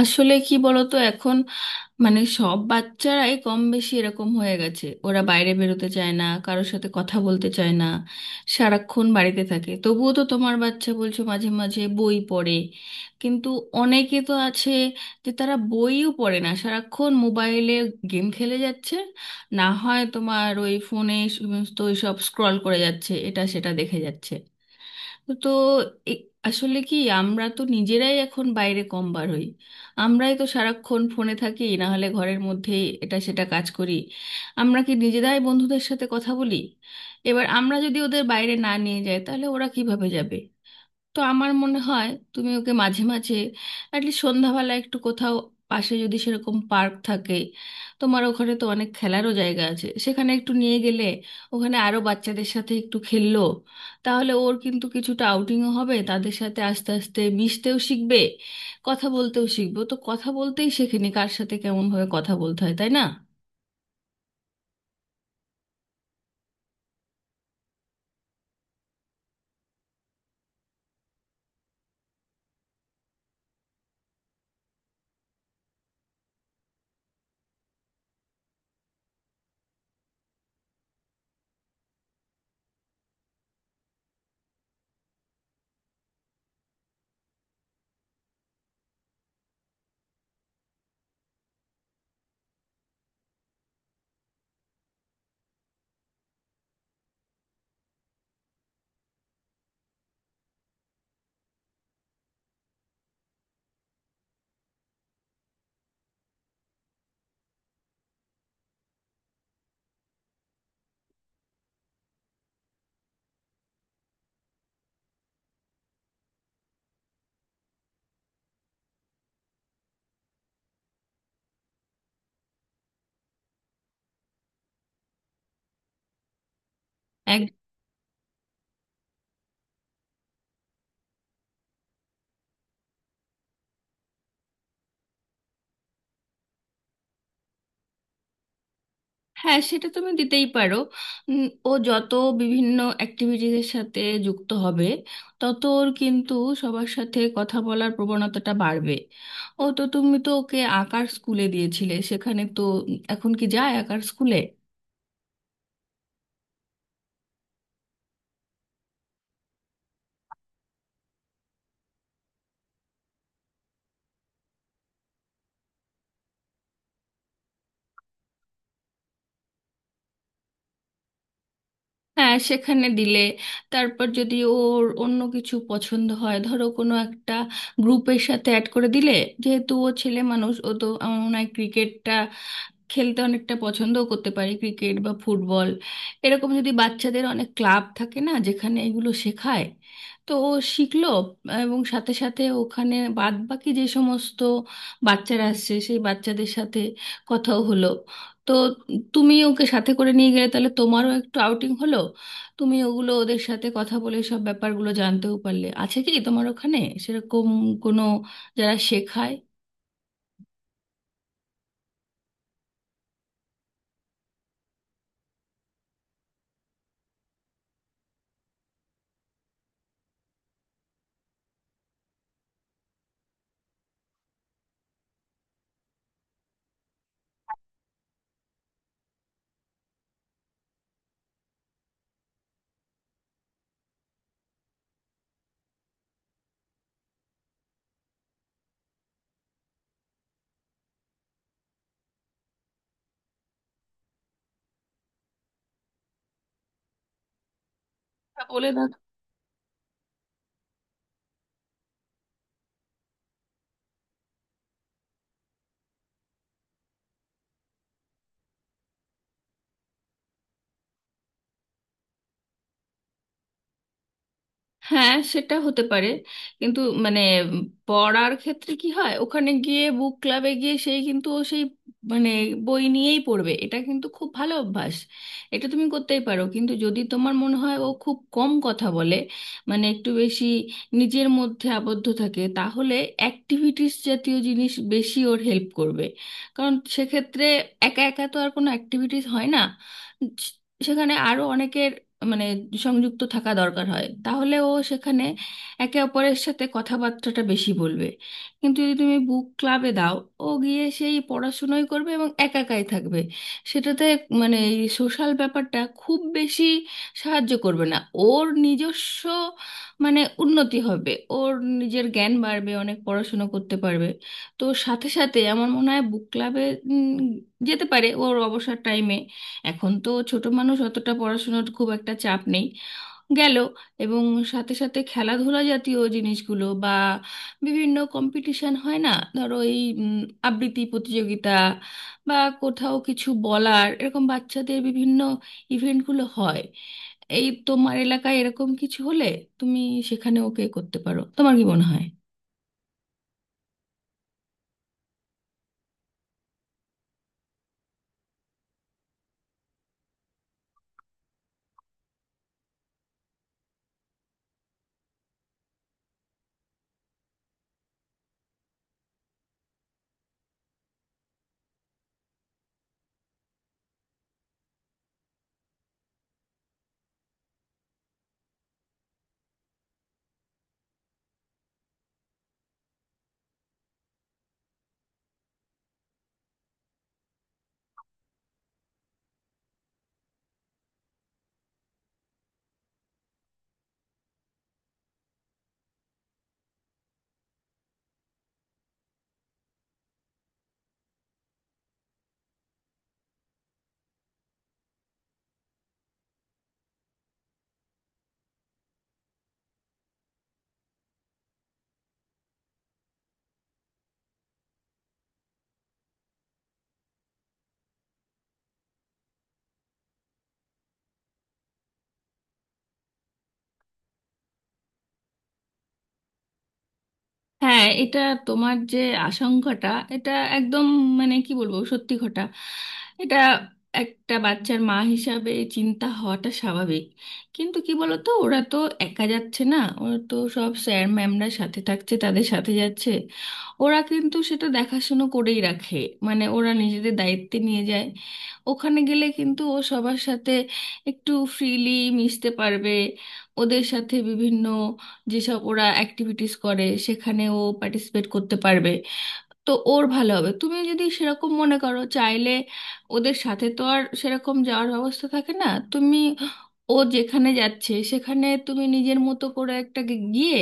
আসলে কি বলতো এখন, মানে সব বাচ্চারাই কম বেশি এরকম হয়ে গেছে। ওরা বাইরে বেরোতে চায় না, কারোর সাথে কথা বলতে চায় না, সারাক্ষণ বাড়িতে থাকে। তবুও তো তোমার বাচ্চা বলছো মাঝে মাঝে বই পড়ে, কিন্তু অনেকে তো আছে যে তারা বইও পড়ে না, সারাক্ষণ মোবাইলে গেম খেলে যাচ্ছে, না হয় তোমার ওই ফোনে সমস্ত সব স্ক্রল করে যাচ্ছে, এটা সেটা দেখে যাচ্ছে। তো এ- আসলে কি, আমরা তো নিজেরাই এখন বাইরে কম বার হই। আমরাই তো সারাক্ষণ ফোনে থাকি, না হলে ঘরের মধ্যেই এটা সেটা কাজ করি। আমরা কি নিজেরাই বন্ধুদের সাথে কথা বলি? এবার আমরা যদি ওদের বাইরে না নিয়ে যাই তাহলে ওরা কিভাবে যাবে? তো আমার মনে হয় তুমি ওকে মাঝে মাঝে অ্যাটলিস্ট সন্ধ্যাবেলা একটু কোথাও, পাশে যদি সেরকম পার্ক থাকে, তোমার ওখানে তো অনেক খেলারও জায়গা আছে, সেখানে একটু নিয়ে গেলে ওখানে আরো বাচ্চাদের সাথে একটু খেললো, তাহলে ওর কিন্তু কিছুটা আউটিংও হবে, তাদের সাথে আস্তে আস্তে মিশতেও শিখবে, কথা বলতেও শিখবে। ও তো কথা বলতেই শেখেনি কার সাথে কেমনভাবে কথা বলতে হয়, তাই না? হ্যাঁ, সেটা তুমি দিতেই পারো। ও যত বিভিন্ন অ্যাক্টিভিটিজের সাথে যুক্ত হবে, তত ওর কিন্তু সবার সাথে কথা বলার প্রবণতাটা বাড়বে। ও তো, তুমি তো ওকে আঁকার স্কুলে দিয়েছিলে, সেখানে তো, এখন কি যায় আঁকার স্কুলে? হ্যাঁ, সেখানে দিলে, তারপর যদি ওর অন্য কিছু পছন্দ হয় ধরো কোনো একটা গ্রুপের সাথে অ্যাড করে দিলে, যেহেতু ও ছেলে মানুষ, ও তো আমার মনে হয় ক্রিকেটটা খেলতে অনেকটা পছন্দও করতে পারে, ক্রিকেট বা ফুটবল। এরকম যদি বাচ্চাদের অনেক ক্লাব থাকে না, যেখানে এগুলো শেখায়, তো ও শিখলো, এবং সাথে সাথে ওখানে বাদ বাকি যে সমস্ত বাচ্চারা আসছে সেই বাচ্চাদের সাথে কথাও হলো। তো তুমি ওকে সাথে করে নিয়ে গেলে তাহলে তোমারও একটু আউটিং হলো, তুমি ওগুলো ওদের সাথে কথা বলে সব ব্যাপারগুলো জানতেও পারলে। আছে কি তোমার ওখানে সেরকম কোনো, যারা শেখায়? তা বলে, হ্যাঁ সেটা হতে পারে, কিন্তু মানে পড়ার ক্ষেত্রে কি হয়, ওখানে গিয়ে বুক ক্লাবে গিয়ে সেই কিন্তু ও সেই, মানে বই নিয়েই পড়বে। এটা কিন্তু খুব ভালো অভ্যাস, এটা তুমি করতেই পারো। কিন্তু যদি তোমার মনে হয় ও খুব কম কথা বলে, মানে একটু বেশি নিজের মধ্যে আবদ্ধ থাকে, তাহলে অ্যাক্টিভিটিস জাতীয় জিনিস বেশি ওর হেল্প করবে। কারণ সেক্ষেত্রে একা একা তো আর কোনো অ্যাক্টিভিটিস হয় না, সেখানে আরো অনেকের, মানে সংযুক্ত থাকা দরকার হয়। তাহলে ও সেখানে একে অপরের সাথে কথাবার্তাটা বেশি বলবে। কিন্তু যদি তুমি বুক ক্লাবে দাও, ও গিয়ে সেই পড়াশুনোই করবে এবং একা একাই থাকবে। সেটাতে মানে এই সোশ্যাল ব্যাপারটা খুব বেশি সাহায্য করবে না। ওর নিজস্ব, মানে উন্নতি হবে ওর, নিজের জ্ঞান বাড়বে, অনেক পড়াশুনো করতে পারবে। তো সাথে সাথে আমার মনে হয় বুক ক্লাবে যেতে পারে ওর অবসর টাইমে, এখন তো ছোট মানুষ, অতটা পড়াশোনার খুব একটা চাপ নেই। গেল, এবং সাথে সাথে খেলাধুলা জাতীয় জিনিসগুলো বা বিভিন্ন কম্পিটিশন হয় না, ধরো এই আবৃত্তি প্রতিযোগিতা, বা কোথাও কিছু বলার, এরকম বাচ্চাদের বিভিন্ন ইভেন্টগুলো হয়। এই তোমার এলাকায় এরকম কিছু হলে তুমি সেখানে ওকে করতে পারো, তোমার কি মনে হয়? হ্যাঁ, এটা, তোমার যে আশঙ্কাটা, এটা একদম, মানে কি বলবো, সত্যি ঘটা, এটা একটা বাচ্চার মা হিসাবে চিন্তা হওয়াটা স্বাভাবিক। কিন্তু কি বলতো, ওরা তো একা যাচ্ছে না, ওরা তো সব স্যার ম্যামরা সাথে থাকছে, তাদের সাথে যাচ্ছে। ওরা কিন্তু সেটা দেখাশুনো করেই রাখে, মানে ওরা নিজেদের দায়িত্বে নিয়ে যায়। ওখানে গেলে কিন্তু ও সবার সাথে একটু ফ্রিলি মিশতে পারবে, ওদের সাথে বিভিন্ন যেসব ওরা অ্যাক্টিভিটিস করে সেখানে ও পার্টিসিপেট করতে পারবে। তো ওর ভালো হবে তুমি যদি সেরকম মনে করো। চাইলে ওদের সাথে তো আর সেরকম যাওয়ার ব্যবস্থা থাকে না, তুমি ও যেখানে যাচ্ছে সেখানে তুমি নিজের মতো করে একটা গিয়ে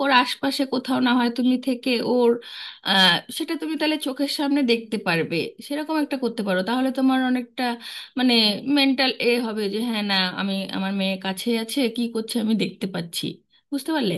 ওর আশপাশে কোথাও না হয় তুমি থেকে, ওর সেটা তুমি তাহলে চোখের সামনে দেখতে পারবে। সেরকম একটা করতে পারো, তাহলে তোমার অনেকটা মানে মেন্টাল এ হবে যে হ্যাঁ, না, আমি, আমার মেয়ে কাছে আছে, কি করছে আমি দেখতে পাচ্ছি, বুঝতে পারলে?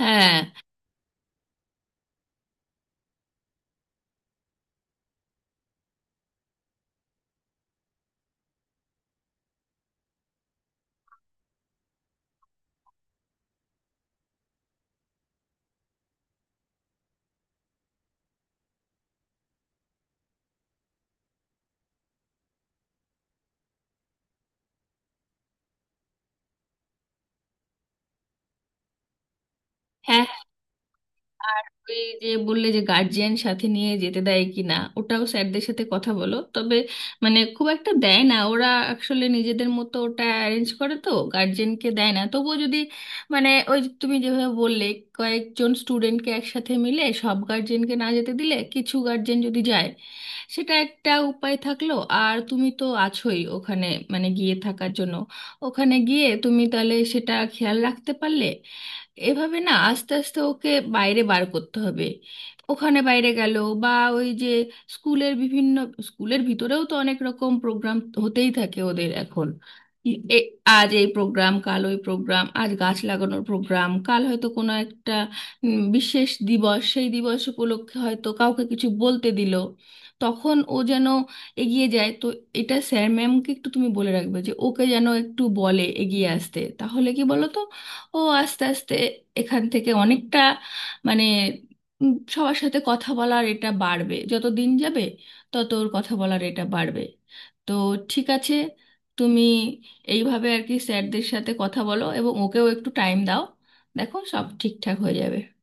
হ্যাঁ, হ্যাঁ, আর ওই যে বললে যে গার্জিয়ান সাথে নিয়ে যেতে দেয় কি না, ওটাও স্যারদের সাথে কথা বলো। তবে মানে খুব একটা দেয় না, ওরা আসলে নিজেদের মতো ওটা অ্যারেঞ্জ করে, তো গার্জিয়ানকে দেয় না। তবুও যদি, মানে ওই যে তুমি যেভাবে বললে, কয়েকজন স্টুডেন্টকে একসাথে মিলে সব গার্জিয়ানকে না যেতে দিলে কিছু গার্জিয়ান যদি যায়, সেটা একটা উপায় থাকলো। আর তুমি তো আছোই ওখানে, মানে গিয়ে থাকার জন্য, ওখানে গিয়ে তুমি তাহলে সেটা খেয়াল রাখতে পারলে। এভাবে না, আস্তে আস্তে ওকে বাইরে বার করতে হবে। ওখানে বাইরে গেল, বা ওই যে স্কুলের বিভিন্ন, স্কুলের ভিতরেও তো অনেক রকম প্রোগ্রাম হতেই থাকে ওদের এখন। এ- আজ এই প্রোগ্রাম, কাল ওই প্রোগ্রাম, আজ গাছ লাগানোর প্রোগ্রাম, কাল হয়তো কোনো একটা বিশেষ দিবস, সেই দিবস উপলক্ষে হয়তো কাউকে কিছু বলতে দিল, তখন ও যেন এগিয়ে যায়। তো এটা স্যার ম্যামকে একটু তুমি বলে রাখবে যে ওকে যেন একটু বলে এগিয়ে আসতে, তাহলে কি বলো তো, ও আস্তে আস্তে এখান থেকে অনেকটা, মানে সবার সাথে কথা বলার এটা বাড়বে। যত দিন যাবে তত ওর কথা বলার এটা বাড়বে। তো ঠিক আছে, তুমি এইভাবে আর কি স্যারদের সাথে কথা বলো এবং ওকেও একটু টাইম দাও, দেখো সব ঠিকঠাক হয়ে যাবে।